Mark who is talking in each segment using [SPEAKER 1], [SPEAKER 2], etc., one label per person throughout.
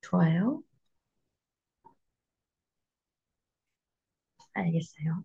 [SPEAKER 1] 좋아요. 알겠어요.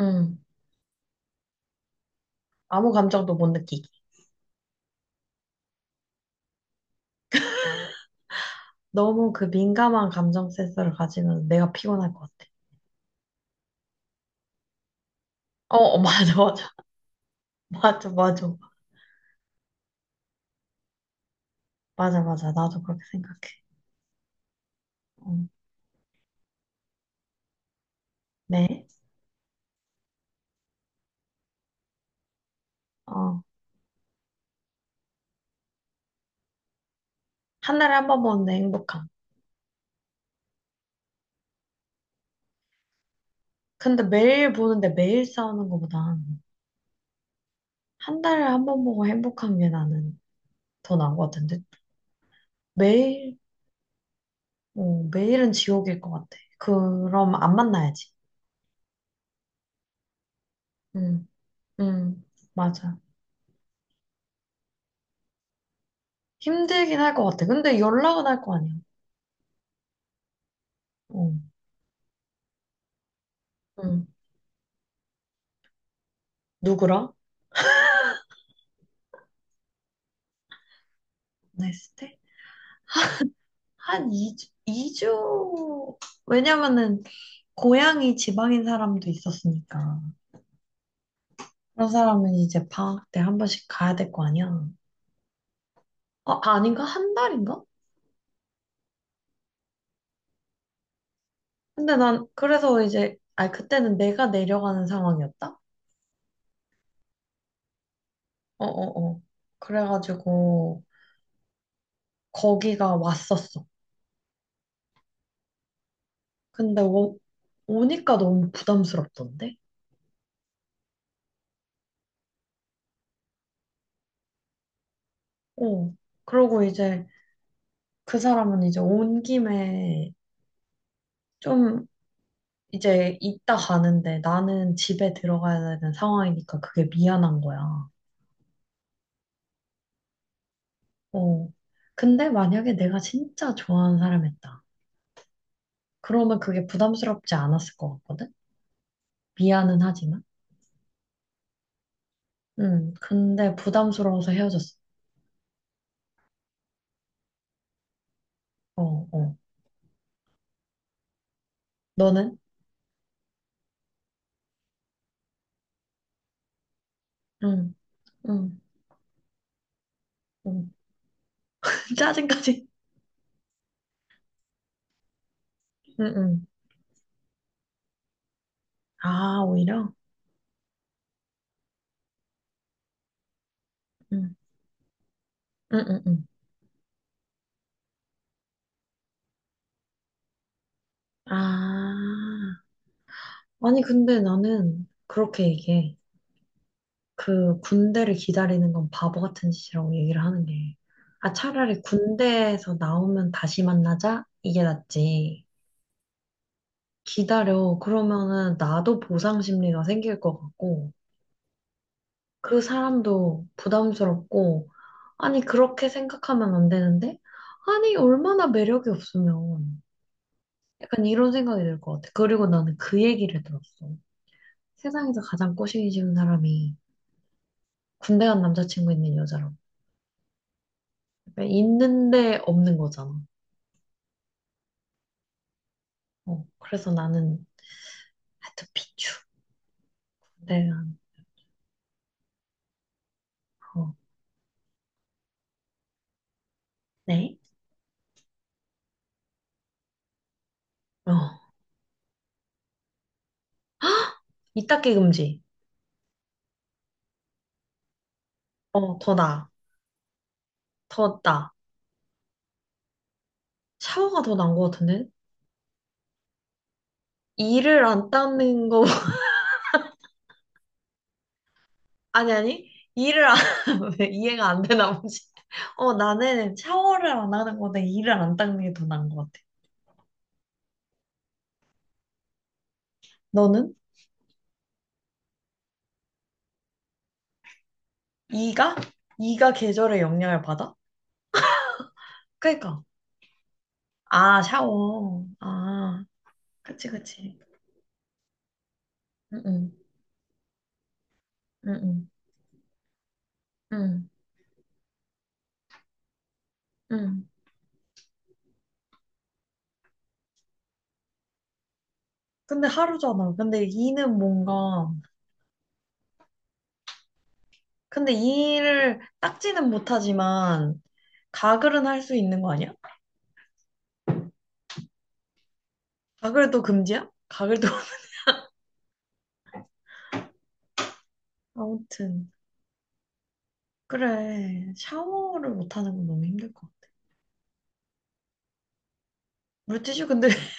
[SPEAKER 1] 음, 아무 감정도 못 느끼기. 너무 그 민감한 감정 센서를 가지면 내가 피곤할 것 같아. 어, 어, 맞아, 맞아. 맞아, 맞아. 맞아, 맞아. 나도 그렇게 생각해. 음, 네. 어, 한 달에 한 번 보는데 행복함. 근데 매일 보는데 매일 싸우는 것보단 한 달에 한 번 보고 행복한 게 나는 더 나은 것 같은데. 매일, 어, 매일은 지옥일 것 같아. 그럼 안 만나야지. 음, 음, 맞아. 힘들긴 할 것 같아. 근데 연락은 할 거 아니야. 어, 응. 누구랑? 했을 때? 한 2주, 이주 왜냐면은, 고향이 지방인 사람도 있었으니까. 그런 사람은 이제 방학 때 한 번씩 가야 될 거 아니야. 어, 아닌가? 한 달인가? 근데 난, 그래서 이제, 아니, 그때는 내가 내려가는 상황이었다? 어, 어, 어. 그래가지고, 거기가 왔었어. 근데 오, 오니까 너무 부담스럽던데? 어. 그러고 이제, 그 사람은 이제 온 김에 좀 이제 있다 가는데 나는 집에 들어가야 되는 상황이니까 그게 미안한 거야. 어. 근데 만약에 내가 진짜 좋아하는 사람이었다. 그러면 그게 부담스럽지 않았을 것 같거든? 미안은 하지만. 응. 근데 부담스러워서 헤어졌어. 어, 어. 너는? 응, 응, 응. 짜증까지. 응, 응. 아, 오히려? 응, 응, 응, 응. 아. 아니, 근데 나는 그렇게 얘기해. 그 군대를 기다리는 건 바보 같은 짓이라고 얘기를 하는 게. 아, 차라리 군대에서 나오면 다시 만나자? 이게 낫지. 기다려. 그러면은 나도 보상 심리가 생길 것 같고, 그 사람도 부담스럽고, 아니, 그렇게 생각하면 안 되는데? 아니, 얼마나 매력이 없으면. 약간 이런 생각이 들 것 같아. 그리고 나는 그 얘기를 들었어. 세상에서 가장 꼬시기 싫은 사람이 군대 간 남자친구 있는 여자라고. 그러니까 있는데 없는 거잖아. 어, 그래서 나는 하여피추 내가 어, 네. 어, 이닦기 금지. 어, 더 나아. 더 나아. 샤워가 더 나은 것 같은데? 이를 안 닦는 거 아니 아니. 이를 안 왜 이해가 안 되나 보지. 어, 나는 샤워를 안 하는 거보다 이를 안 닦는 게 더 나은 것 같아. 너는? 이가? 이가 계절의 영향을 받아? 그러니까. 아, 샤워. 아, 그치, 그치. 응, 응, 응, 응, 응. 근데 하루잖아. 근데 이는 뭔가, 근데 이를 닦지는 못하지만, 가글은 할 수 있는 거 아니야? 가글도 금지야? 가글도. 아무튼. 그래. 샤워를 못하는 건 너무 힘들 것 같아. 물티슈 근데,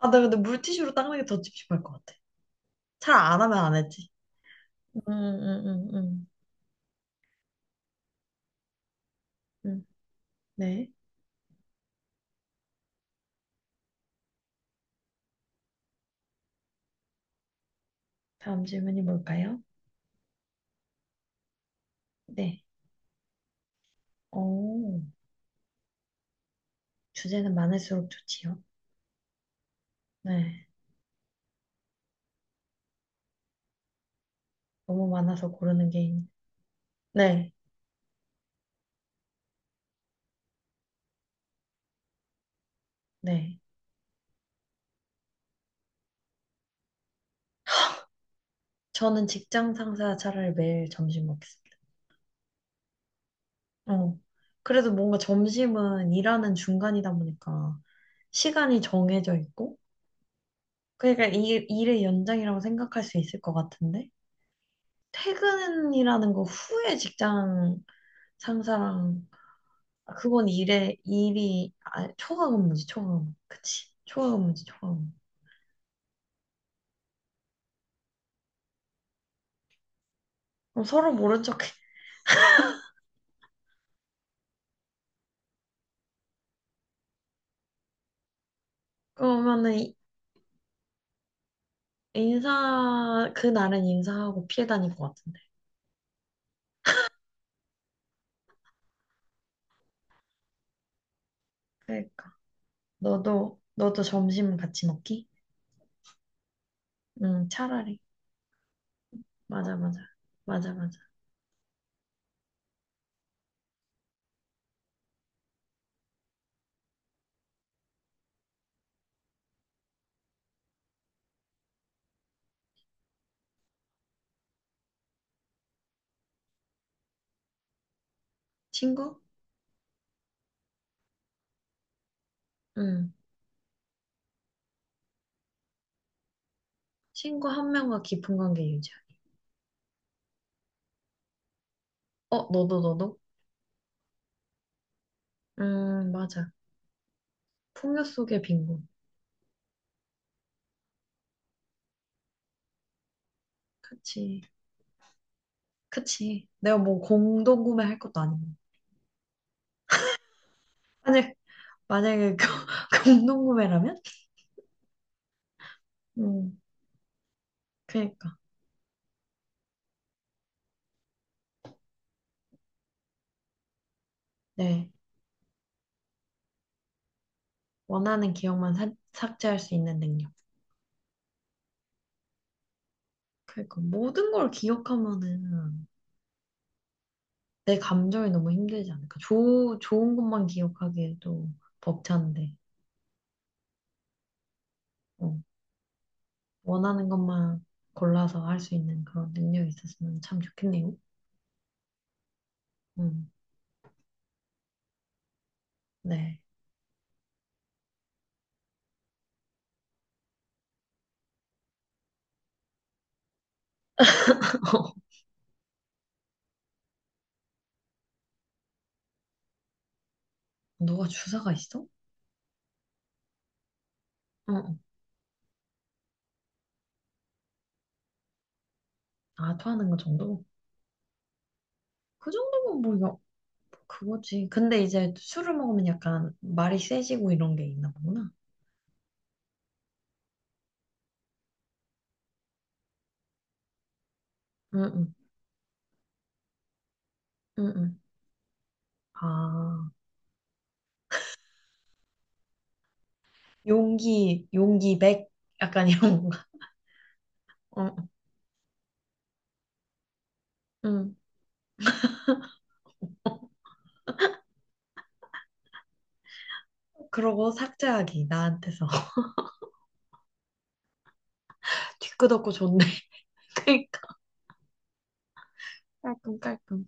[SPEAKER 1] 아, 나 근데 물티슈로 닦는 게 더 찝찝할 것 같아. 잘 안 하면 안 했지. 음, 음, 음, 음. 음. 네. 다음 질문이 뭘까요? 네. 오, 주제는 많을수록 좋지요. 네. 너무 많아서 고르는 게, 있... 네. 네. 저는 직장 상사 차라리 매일 점심 먹겠습니다. 어. 그래도 뭔가 점심은 일하는 중간이다 보니까 시간이 정해져 있고, 그러니까 일의 연장이라고 생각할 수 있을 것 같은데, 퇴근이라는 거 후에 직장 상사랑, 아, 그건 초과 근무지, 초과 근무. 그치. 초과 근무지, 초과 근무. 그럼 서로 모른 척해. 그러면은 이- 인사, 그날은 인사하고 피해 다닐 것 같은데. 그러니까. 너도, 너도 점심 같이 먹기? 응, 차라리. 맞아, 맞아. 맞아, 맞아. 친구? 응. 친구 한 명과 깊은 관계 유지하기. 어, 너도, 너도? 맞아. 풍요 속의 빈곤. 그치. 그치. 내가 뭐 공동 구매할 것도 아니고. 만약, 만약에 공동 구매라면? 음, 그니까. 네. 원하는 기억만 삭- 삭제할 수 있는 능력. 그니까. 모든 걸 기억하면은 내 감정이 너무 힘들지 않을까. 좋 좋은 것만 기억하기에도 벅찬데, 어, 원하는 것만 골라서 할 수 있는 그런 능력이 있었으면 참 좋겠네요. 음, 네. 누가 주사가 있어? 어, 어. 아, 토하는 거 정도? 그 정도면 뭐, 여, 그거지. 근데 이제 술을 먹으면 약간 말이 세지고 이런 게 있나 보구나. 응, 응, 응, 응. 아, 용기, 용기 백, 약간 이런 건가? 응, 응. 그러고 삭제하기, 나한테서. 뒤끝없고 좋네. 그러니까 깔끔깔끔.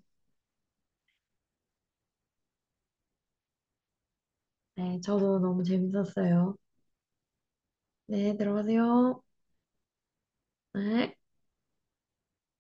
[SPEAKER 1] 네, 저도 너무 재밌었어요. 네, 들어가세요. 네.